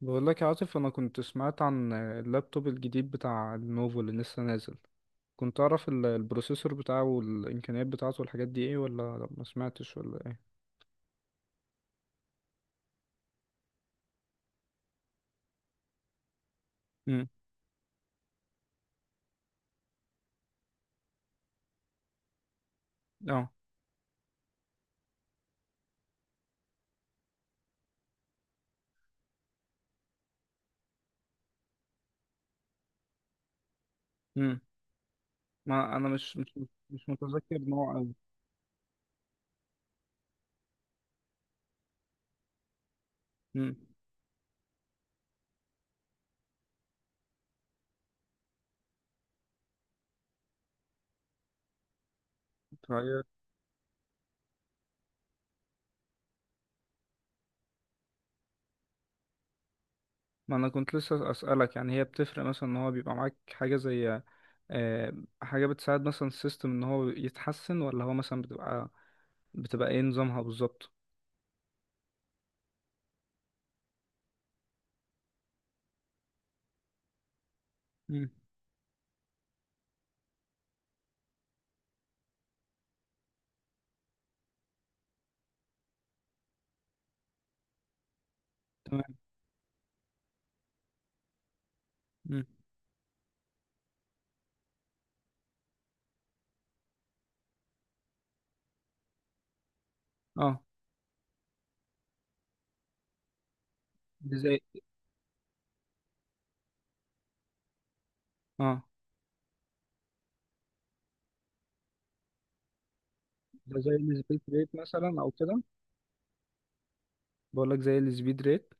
بقول لك يا عاطف، انا كنت سمعت عن اللابتوب الجديد بتاع لينوفو اللي لسه نازل. كنت اعرف البروسيسور بتاعه والامكانيات بتاعته والحاجات دي ايه، ولا ما سمعتش ولا ايه؟ امم. اه. امم. ما انا مش متذكر نوع قوي. امم. طيب. ما انا كنت لسه اسالك، يعني هي بتفرق مثلا ان هو بيبقى معاك حاجه زي آه، حاجه بتساعد مثلا السيستم ان هو يتحسن، ولا هو مثلا بتبقى ايه نظامها بالظبط؟ امم. تمام. امم. اه. دي زي اه ده زي السبيد ريت مثلا او كده. بقول لك زي السبيد ريت.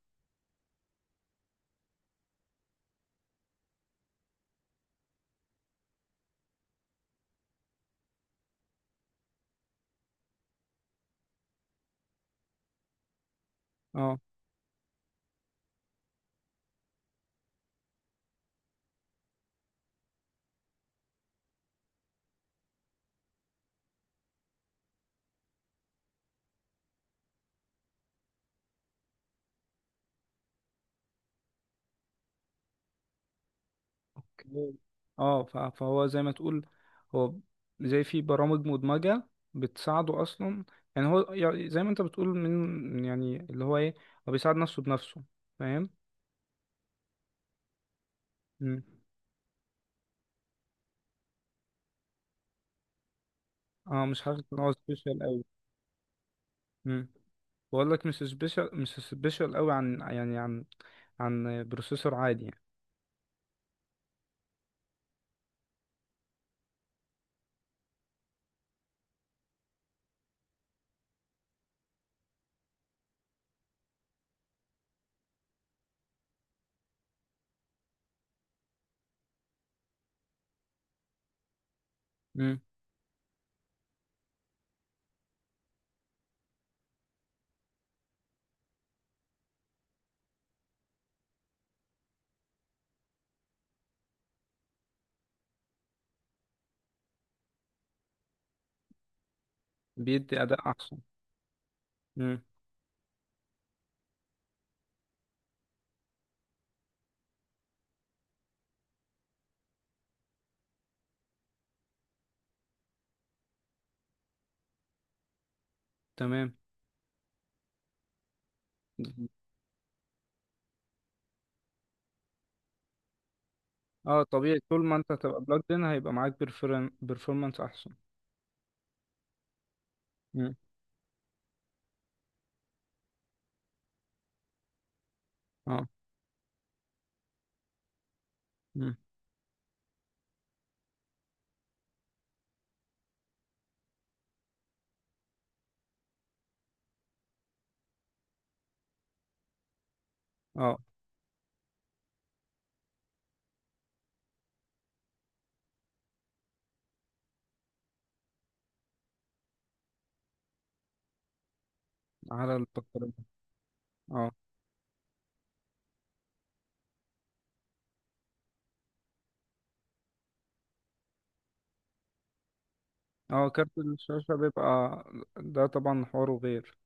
اه. اوكي. اه. فهو زي ما تقول، هو زي في برامج مدمجة بتساعده اصلا، يعني هو زي ما انت بتقول من يعني اللي هو ايه، هو بيساعد نفسه بنفسه، فاهم؟ مم. اه، مش حاسس ان هو سبيشال قوي. امم. بقول لك مش سبيشال قوي، عن يعني عن بروسيسور عادي يعني. امم. بيدي اداء احسن. امم. تمام. اه طبيعي، طول ما انت هتبقى بلوجد ان، هيبقى معاك بيرفورمانس احسن. مم. اه. مم. اه، على البطارية. اه. اه، كارت الشاشة بيبقى، ده طبعا حواره غير.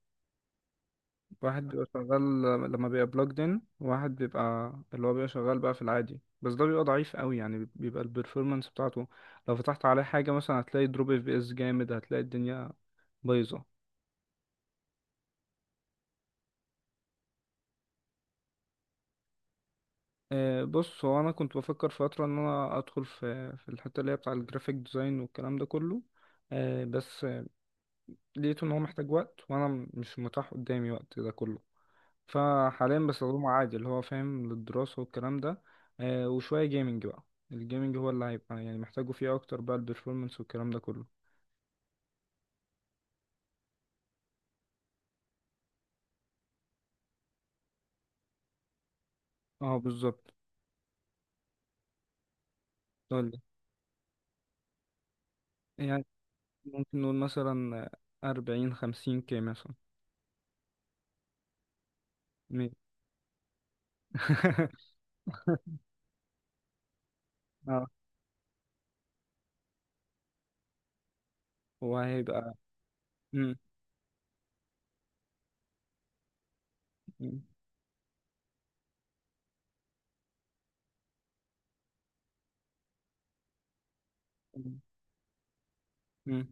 واحد بيبقى شغال، لما بيبقى بلوجد ان، واحد بيبقى اللي هو بيبقى شغال بقى في العادي، بس ده بيبقى ضعيف قوي يعني، بيبقى البرفورمانس بتاعته لو فتحت عليه حاجة مثلا، هتلاقي دروب اف بي اس جامد، هتلاقي الدنيا بايظة. بص، هو انا كنت بفكر فتره ان انا ادخل في الحته اللي هي بتاع الجرافيك ديزاين والكلام ده كله، آه، بس آه، لقيت ان هو محتاج وقت، وانا مش متاح قدامي وقت ده كله. فحاليا بستخدمه عادي اللي هو فاهم للدراسه والكلام ده، وشويه جيمنج بقى. الجيمنج هو اللي هيبقى يعني محتاجه فيه اكتر بقى، البرفورمانس والكلام ده كله. اه بالظبط. قول لي. يعني ممكن نقول مثلا 40-50K مثلا. 100. اه. وهيبقى. مم. مم. مم.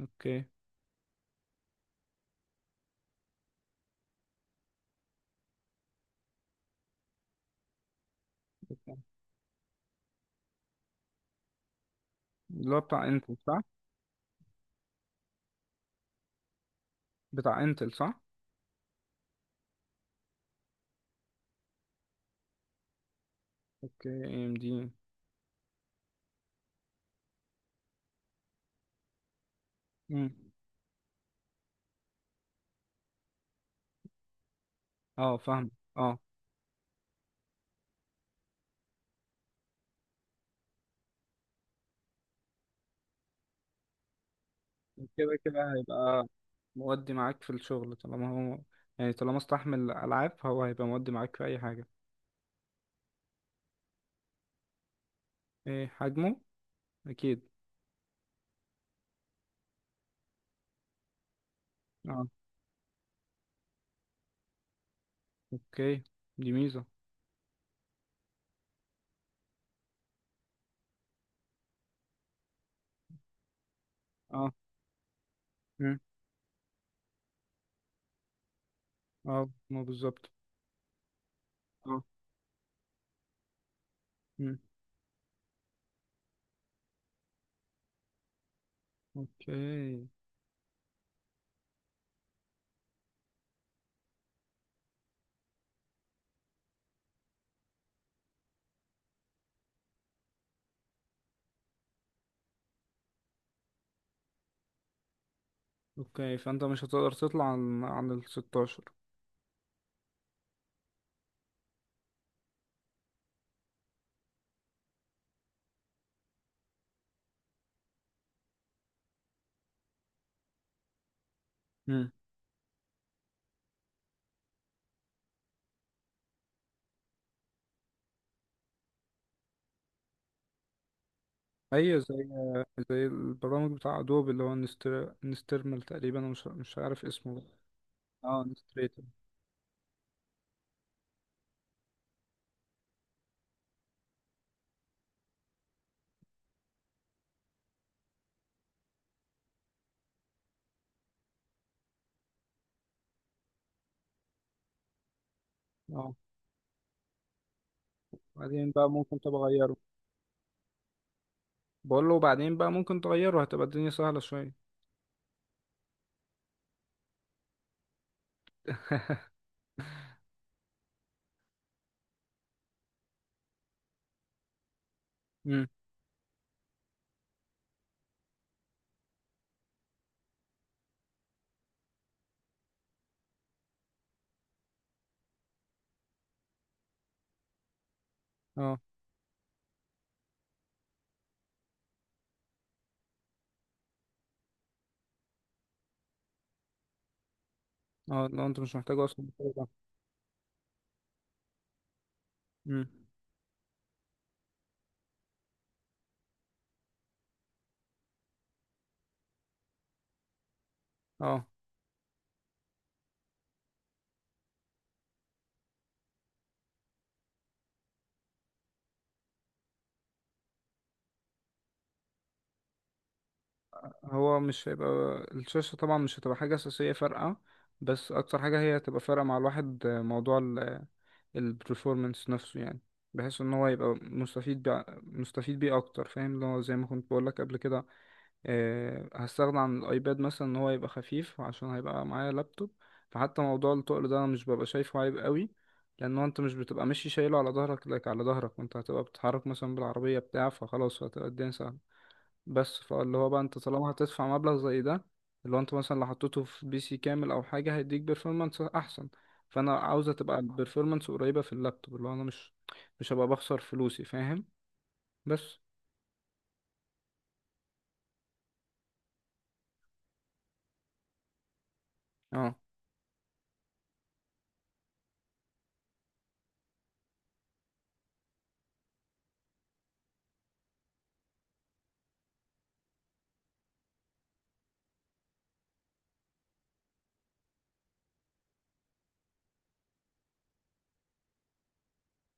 اوكي. اللي هو بتاع انتل صح؟ بتاع انتل صح؟ اوكي، اي ام دي. امم. اه فاهم. اه. كده كده هيبقى مودي معاك في الشغل طالما هو، يعني طالما استحمل العاب، هو هيبقى مودي معاك في اي حاجه. ايه حجمه؟ اكيد. اه. اوكي. دي ميزه. اه. مم. اه، ما بالظبط. اه. مم. اوكي. اوكي، فانت مش هتقدر تطلع عن ال 16. ايوه زي، زي البرامج بتاع ادوب اللي هو نسترمل تقريبا، أنا مش مش عارف اسمه. اه نستريتور. اه. بعدين بقى ممكن تغيره. بقول له بعدين بقى ممكن تغيره، هتبقى الدنيا سهلة شوية. امم. اه. اه لو انت مش محتاج اصلا البرنامج ده. امم. اه. هو مش هيبقى، الشاشة طبعا مش هتبقى حاجة أساسية فارقة، بس أكتر حاجة هي هتبقى فارقة مع الواحد موضوع البرفورمانس نفسه يعني، بحيث ان هو يبقى مستفيد بيه اكتر، فاهم اللي هو زي ما كنت بقول لك قبل كده. هستغنى عن الايباد مثلا، ان هو يبقى خفيف عشان هيبقى معايا لابتوب. فحتى موضوع التقل ده انا مش ببقى شايفه عيب قوي، لان هو انت مش بتبقى ماشي شايله على ظهرك لك على ظهرك، وانت هتبقى بتتحرك مثلا بالعربيه بتاع، فخلاص هتبقى الدنيا سهله. بس فاللي هو بقى، انت طالما هتدفع مبلغ زي ده، اللي هو انت مثلا لو حطيته في بي سي كامل او حاجه هيديك بيرفورمانس احسن. فانا عاوزه تبقى البيرفورمانس قريبه في اللابتوب، اللي هو انا مش هبقى بخسر فلوسي، فاهم؟ بس. اه.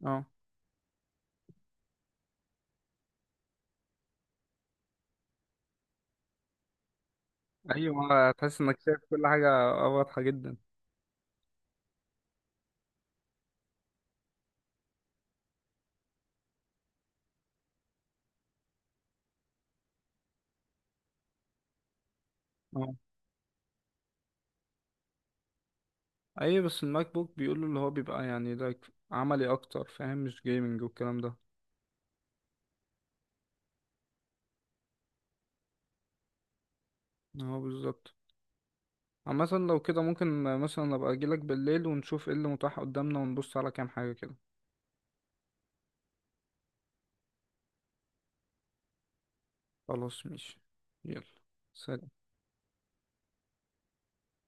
اه. ايوه، تحس انك شايف كل حاجه واضحه جدا. اه. ايوه بس الماك بوك بيقولوا اللي هو بيبقى يعني ده عملي اكتر فاهم، مش جيمنج والكلام ده. اه بالظبط. عامة لو كده، ممكن مثلا ابقى اجيلك بالليل ونشوف ايه اللي متاح قدامنا، ونبص على كام حاجة كده. خلاص ماشي. يلا. سلام.